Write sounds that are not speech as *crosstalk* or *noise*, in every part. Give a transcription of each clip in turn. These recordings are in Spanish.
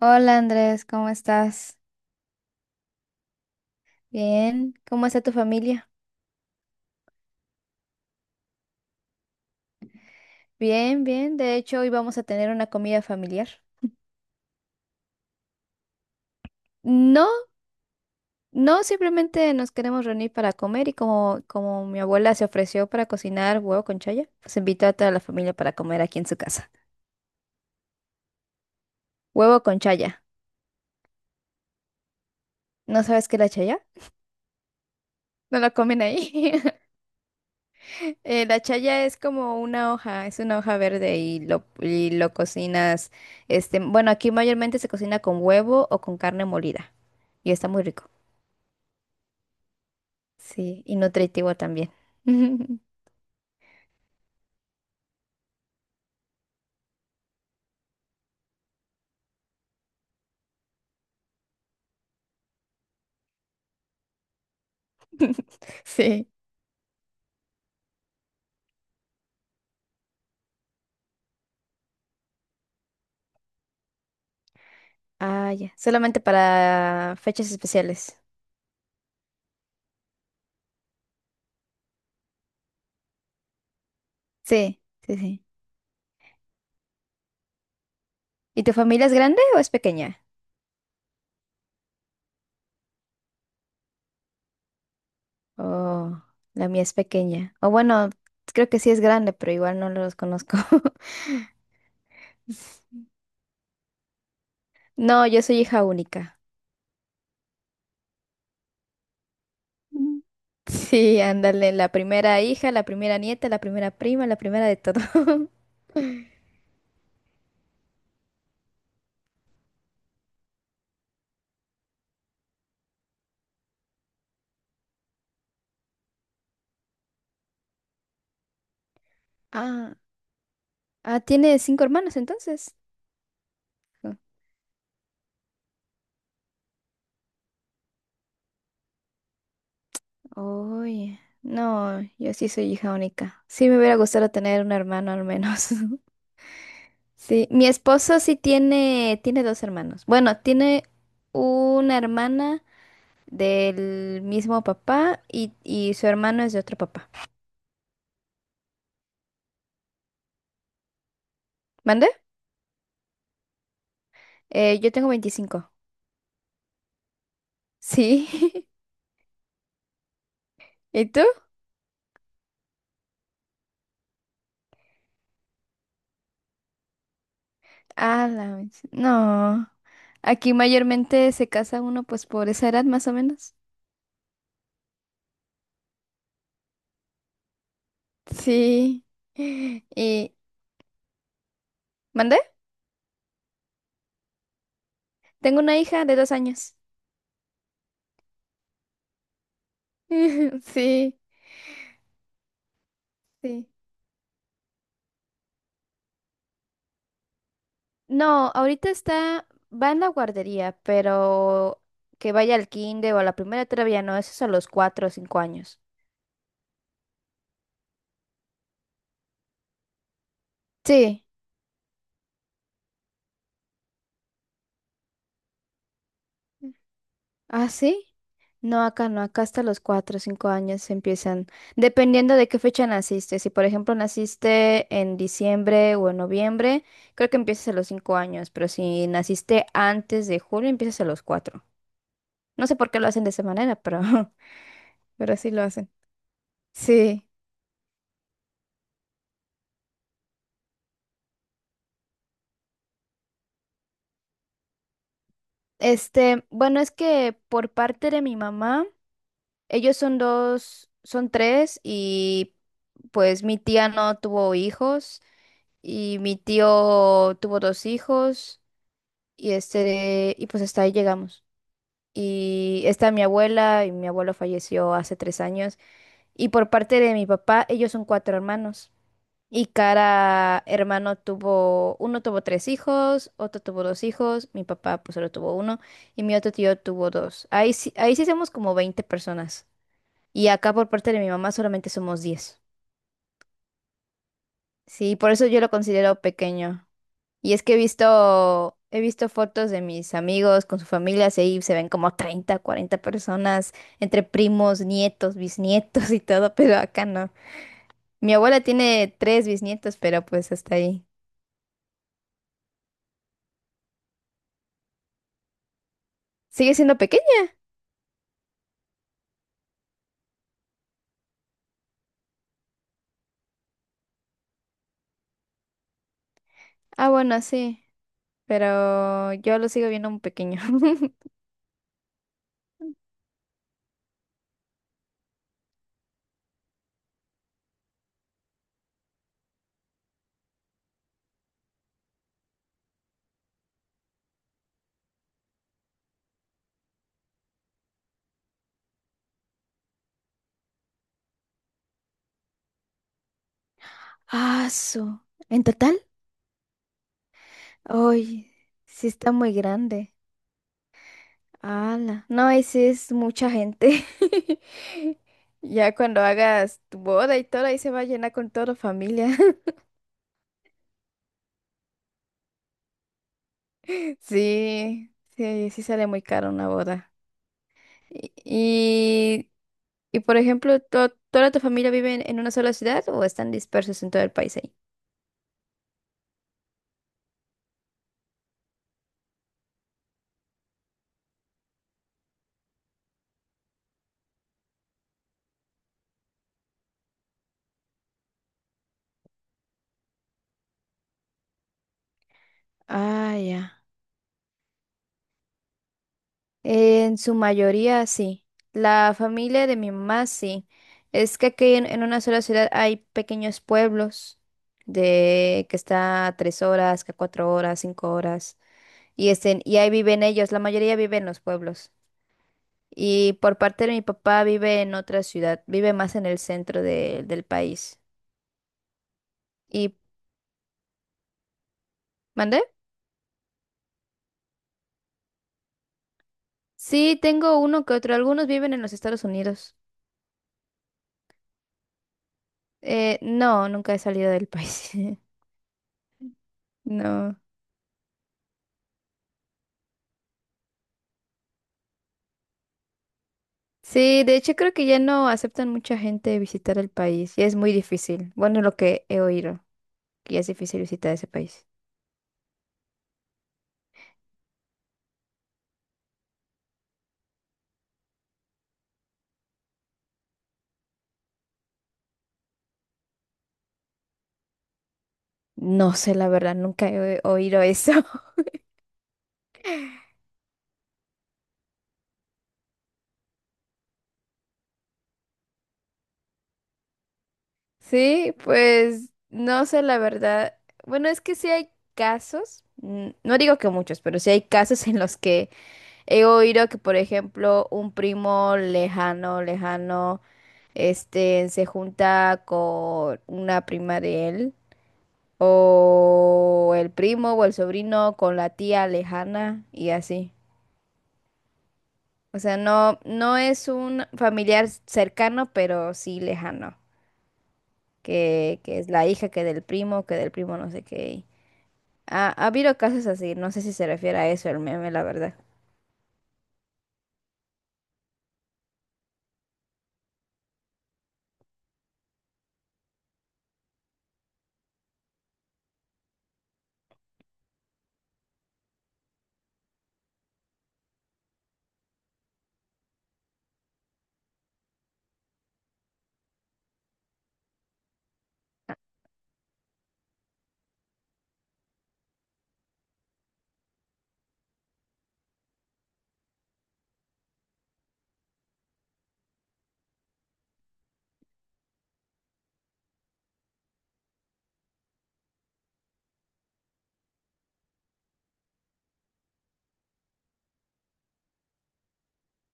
Hola Andrés, ¿cómo estás? Bien, ¿cómo está tu familia? Bien, bien, de hecho hoy vamos a tener una comida familiar. No, no, simplemente nos queremos reunir para comer y como mi abuela se ofreció para cocinar huevo con chaya, pues invitó a toda la familia para comer aquí en su casa. Huevo con chaya. ¿No sabes qué es la chaya? No la comen ahí. *laughs* La chaya es como una hoja, es una hoja verde y lo cocinas, este, bueno, aquí mayormente se cocina con huevo o con carne molida y está muy rico. Sí, y nutritivo también. *laughs* Sí. Ah, ya. Solamente para fechas especiales. Sí, sí, sí. ¿Y tu familia es grande o es pequeña? Oh, la mía es pequeña. O bueno, creo que sí es grande, pero igual no los conozco. *laughs* No, yo soy hija única. Mm. Sí, ándale, la primera hija, la primera nieta, la primera prima, la primera de todo. *laughs* Ah, ah, tiene cinco hermanos entonces. Uy, no, yo sí soy hija única. Sí me hubiera gustado tener un hermano al menos. *laughs* Sí, mi esposo sí tiene dos hermanos. Bueno, tiene una hermana del mismo papá y su hermano es de otro papá. ¿Mande? Yo tengo 25. Sí. *laughs* ¿Y tú? Ah, no. Aquí mayormente se casa uno pues por esa edad más o menos. Sí. *laughs* Y... ¿Mande? Tengo una hija de 2 años. *laughs* Sí, sí. No, ahorita está, va en la guardería, pero que vaya al kinder o a la primera todavía no, eso es a los 4 o 5 años. Sí. ¿Ah, sí? No, acá no, acá hasta los 4 o 5 años empiezan, dependiendo de qué fecha naciste. Si, por ejemplo, naciste en diciembre o en noviembre, creo que empiezas a los 5 años, pero si naciste antes de julio, empiezas a los 4. No sé por qué lo hacen de esa manera, pero, *laughs* pero sí lo hacen. Sí. Este, bueno, es que por parte de mi mamá, ellos son dos, son tres y pues mi tía no tuvo hijos y mi tío tuvo dos hijos y este, y pues hasta ahí llegamos. Y está mi abuela y mi abuelo falleció hace 3 años y por parte de mi papá, ellos son cuatro hermanos. Y cada hermano tuvo, uno tuvo tres hijos, otro tuvo dos hijos, mi papá pues solo tuvo uno y mi otro tío tuvo dos. Ahí sí somos como 20 personas. Y acá por parte de mi mamá solamente somos 10. Sí, por eso yo lo considero pequeño. Y es que he visto fotos de mis amigos con sus familias y ahí se ven como 30 40 personas entre primos, nietos, bisnietos y todo, pero acá no. Mi abuela tiene tres bisnietos, pero pues hasta ahí. ¿Sigue siendo pequeño? Ah, bueno, sí, pero yo lo sigo viendo muy pequeño. *laughs* Ah, su. ¿En total? Ay, sí está muy grande. Ala. No, y sí es mucha gente. *laughs* Ya cuando hagas tu boda y todo, ahí se va a llenar con toda la familia. *laughs* Sí, sí, sí sale muy caro una boda. Y, y, y, por ejemplo, ¿toda tu familia vive en una sola ciudad o están dispersos en todo el país ahí? Ah, ya. En su mayoría, sí. La familia de mi mamá, sí. Es que aquí en una sola ciudad hay pequeños pueblos de que está a 3 horas, que a 4 horas, 5 horas. Y, estén, y ahí viven ellos, la mayoría vive en los pueblos. Y por parte de mi papá vive en otra ciudad, vive más en el centro del país. ¿Y mandé? Sí, tengo uno que otro. Algunos viven en los Estados Unidos. No, nunca he salido del país. *laughs* No. Sí, de hecho creo que ya no aceptan mucha gente visitar el país. Ya es muy difícil. Bueno, lo que he oído, que ya es difícil visitar ese país. No sé la verdad, nunca he oído eso. *laughs* Sí, pues no sé la verdad. Bueno, es que sí hay casos, no digo que muchos, pero sí hay casos *laughs* en los que he oído que, por ejemplo, un primo lejano, lejano, este, se junta con una prima de él, o el primo o el sobrino con la tía lejana y así. O sea, no, no es un familiar cercano, pero sí lejano, que es la hija que del primo no sé qué. Ha, habido casos así, no sé si se refiere a eso el meme, la verdad.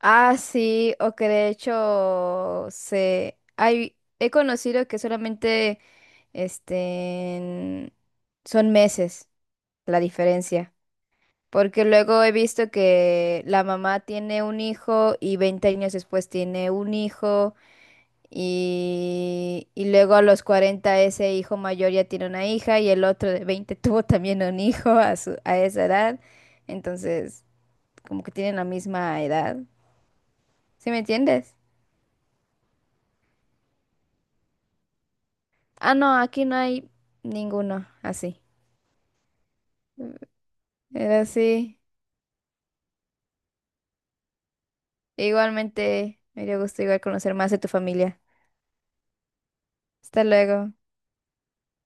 Ah, sí, o que de hecho se hay he conocido que solamente este son meses la diferencia. Porque luego he visto que la mamá tiene un hijo y 20 años después tiene un hijo y luego a los 40 ese hijo mayor ya tiene una hija y el otro de 20 *laughs* tuvo también un hijo a esa edad. Entonces, como que tienen la misma edad. ¿Sí me entiendes? Ah, no, aquí no hay ninguno así. Era así. Igualmente, me dio gusto igual conocer más de tu familia. Hasta luego.